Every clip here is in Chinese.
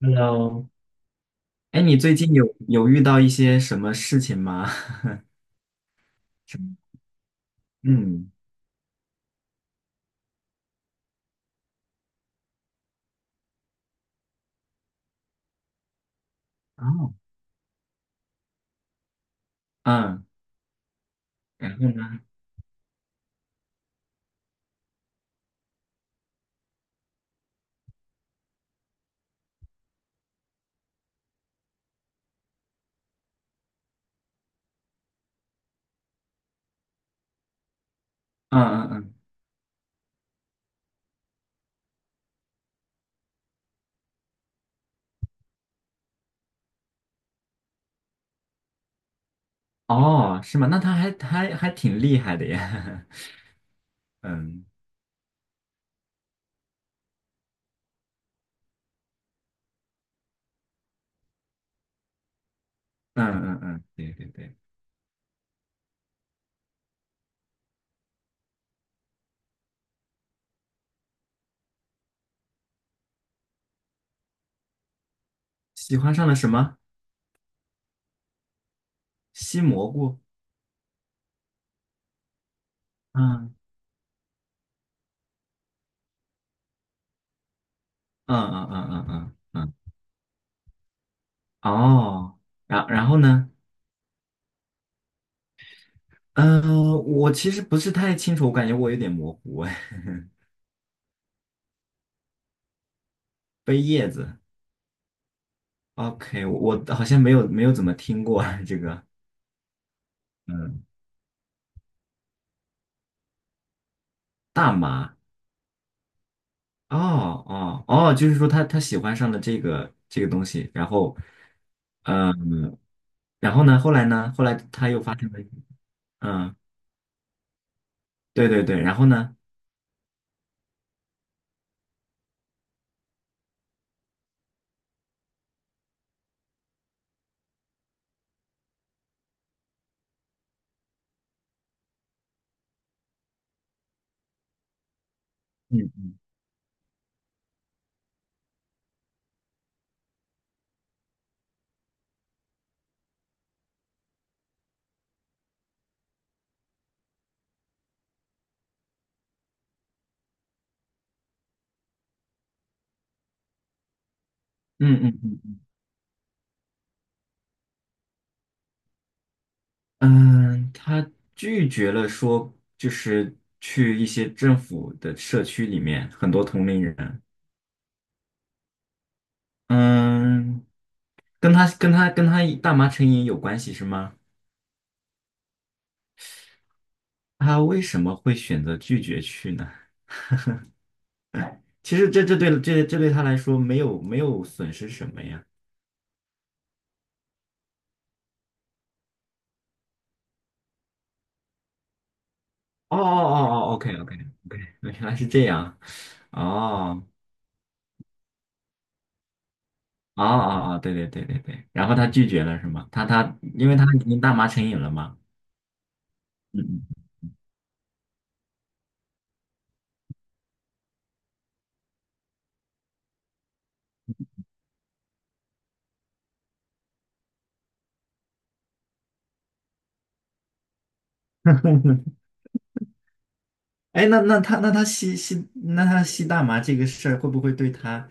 Hello，哎，你最近有遇到一些什么事情吗？什么。嗯，哦，嗯，然后呢？嗯嗯嗯，哦，是吗？那他还挺厉害的呀。嗯嗯嗯嗯，对对对，喜欢上了什么？西蘑菇。嗯嗯嗯嗯嗯嗯嗯，哦，然后呢？嗯、我其实不是太清楚，我感觉我有点模糊哎。背叶子，OK，我好像没有怎么听过 这个。嗯。大麻，哦哦哦，就是说他喜欢上了这个东西，然后，嗯，然后呢，后来呢，后来他又发生了，嗯，对对对，然后呢，嗯嗯嗯嗯，嗯，他拒绝了说就是去一些政府的社区里面很多同龄人，嗯，跟他大麻成瘾有关系是吗？他为什么会选择拒绝去呢？其实这对他来说没有损失什么呀？哦哦哦哦，OK OK OK，原来是这样。哦哦哦哦，对对对对对。然后他拒绝了是吗？他因为他已经大麻成瘾了嘛。嗯嗯。哎，那他吸大麻这个事儿会不会对他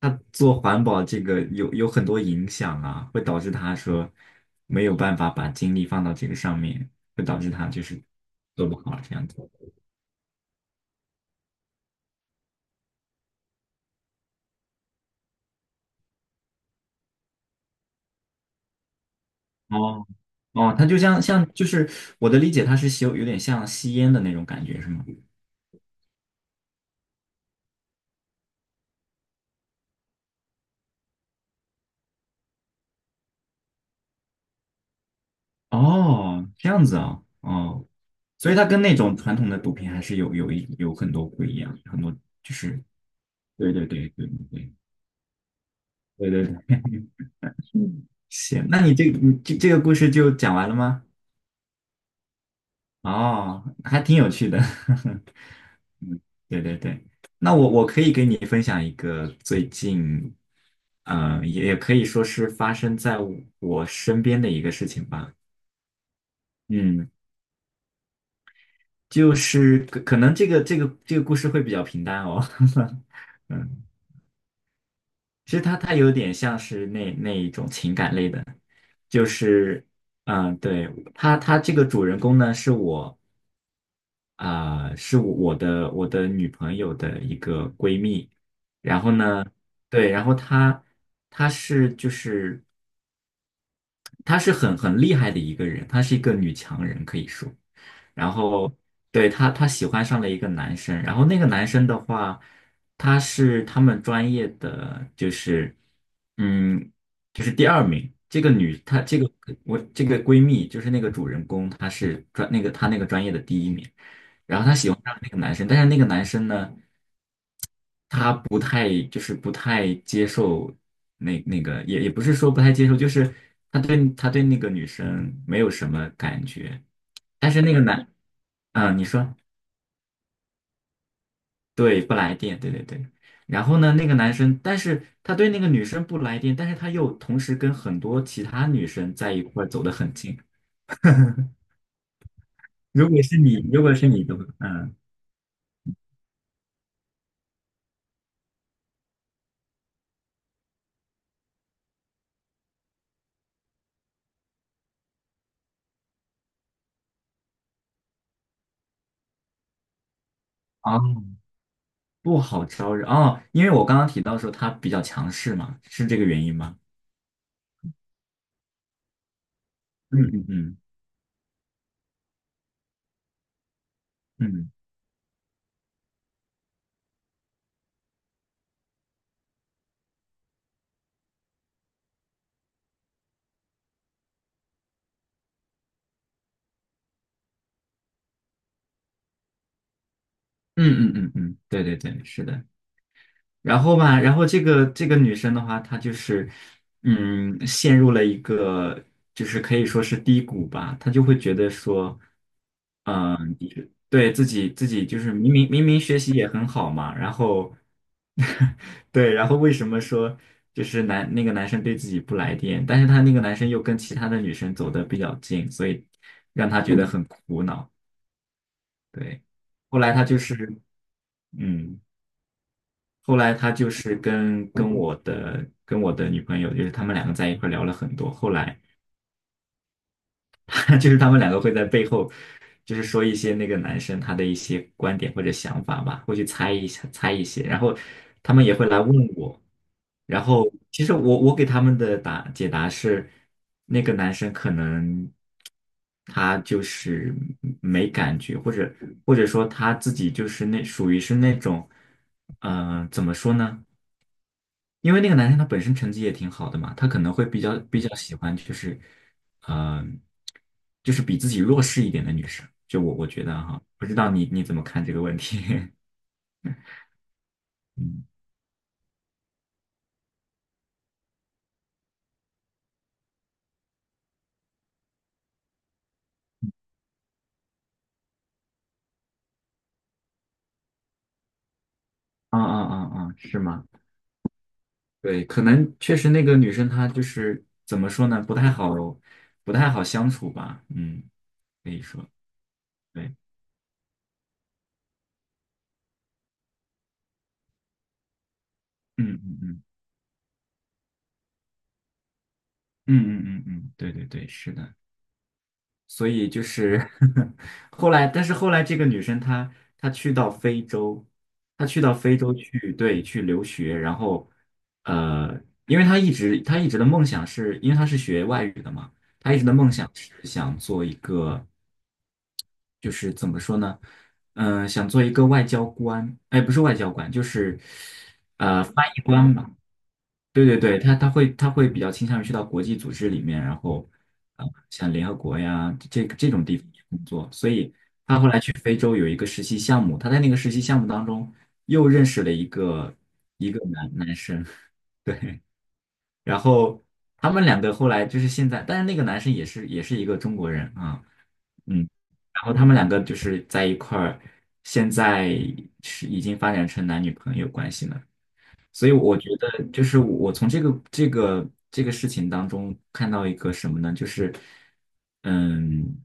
他做环保这个有很多影响啊？会导致他说没有办法把精力放到这个上面，会导致他就是做不好这样子。哦哦，它就像就是我的理解，它是吸有点像吸烟的那种感觉，是吗？哦，这样子啊，哦，所以它跟那种传统的毒品还是有很多不一样，很多就是对对对对对对对对，行，那你这个故事就讲完了吗？哦，还挺有趣的。嗯，对对对，那我可以给你分享一个最近，也可以说是发生在我身边的一个事情吧。嗯，就是可能这个故事会比较平淡哦。嗯，其实它有点像是那一种情感类的，就是，嗯、对，它这个主人公呢是我。是我的女朋友的一个闺蜜，然后呢，对，然后她是就是她是很厉害的一个人，她是一个女强人，可以说。然后对她，她喜欢上了一个男生，然后那个男生的话，他是他们专业的，嗯，就是第二名。这个女，她这个我这个闺蜜，就是那个主人公，她是专那个她那个专业的第一名。然后她喜欢上了那个男生，但是那个男生呢，他不太接受那个，也不是说不太接受，就是他对那个女生没有什么感觉，但是那个男，嗯，你说对，不来电，对对对。然后呢，那个男生，但是他对那个女生不来电，但是他又同时跟很多其他女生在一块儿走得很近。如果是你的话，嗯，啊，不好招惹哦，因为我刚刚提到说他比较强势嘛，是这个原因吗？嗯嗯嗯嗯嗯嗯嗯嗯，对对对，是的。然后吧，然后这个女生的话，她就是，嗯，陷入了一个就是可以说是低谷吧，她就会觉得说，嗯、就是对自己就是明明学习也很好嘛，然后，对，然后为什么说就是那个男生对自己不来电，但是他那个男生又跟其他的女生走的比较近，所以让她觉得很苦恼。对，后来她就是，嗯。后来他就是跟我的女朋友，就是他们两个在一块聊了很多。后来 就是他们两个会在背后，就是说一些那个男生他的一些观点或者想法吧，会去猜一些，然后他们也会来问我。然后其实我给他们的解答是，那个男生可能他就是没感觉，或者说他自己就是属于是那种，嗯、怎么说呢？因为那个男生他本身成绩也挺好的嘛，他可能会比较喜欢就是，嗯、就是比自己弱势一点的女生。就我觉得哈，不知道你怎么看这个问题？嗯，啊啊啊啊，是吗？对，可能确实那个女生她就是怎么说呢，不太好，不太好相处吧。嗯，可以说，对，嗯嗯嗯嗯嗯嗯嗯，对对对，是的。所以就是 后来，但是后来这个女生她去到非洲，她去到非洲去，对，去留学，然后呃，因为她一直的梦想是，因为她是学外语的嘛，她一直的梦想是想做一个，就是怎么说呢，嗯、想做一个外交官，哎，不是外交官，就是翻译官吧。对对对，他会比较倾向于去到国际组织里面，然后像联合国呀这种地方去工作，所以他后来去非洲有一个实习项目，他在那个实习项目当中又认识了一个男生，对，然后他们两个后来就是现在，但是那个男生也是一个中国人啊，嗯，然后他们两个就是在一块儿，现在是已经发展成男女朋友关系了。所以我觉得，就是我从这个事情当中看到一个什么呢？就是，嗯，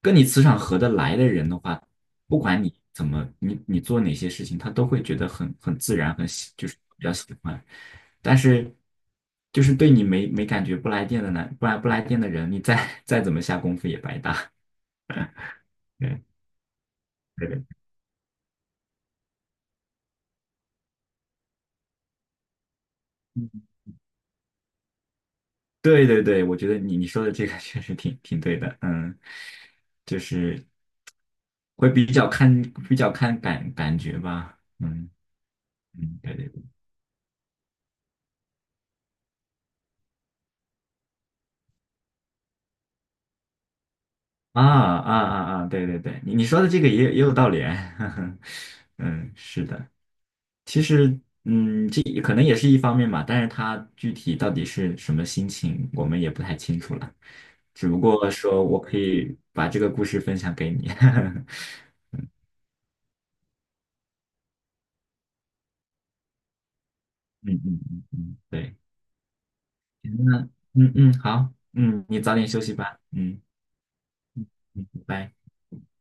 跟你磁场合得来的人的话，不管你怎么，你做哪些事情，他都会觉得很自然，就是比较喜欢。但是，就是对你没感觉不来电的呢，不来电的人，你再 再怎么下功夫也白搭。对对对，对对对，我觉得你说的这个 确实挺对的，嗯，就是会比较看感觉吧，嗯嗯，对对对，啊啊啊啊，对对对，你说的这个也有道理，呵呵嗯，是的，其实嗯，这可能也是一方面吧，但是他具体到底是什么心情，我们也不太清楚了，只不过说我可以把这个故事分享给你，嗯嗯嗯嗯，对。行那嗯嗯，好，嗯，你早点休息吧，嗯嗯，拜拜。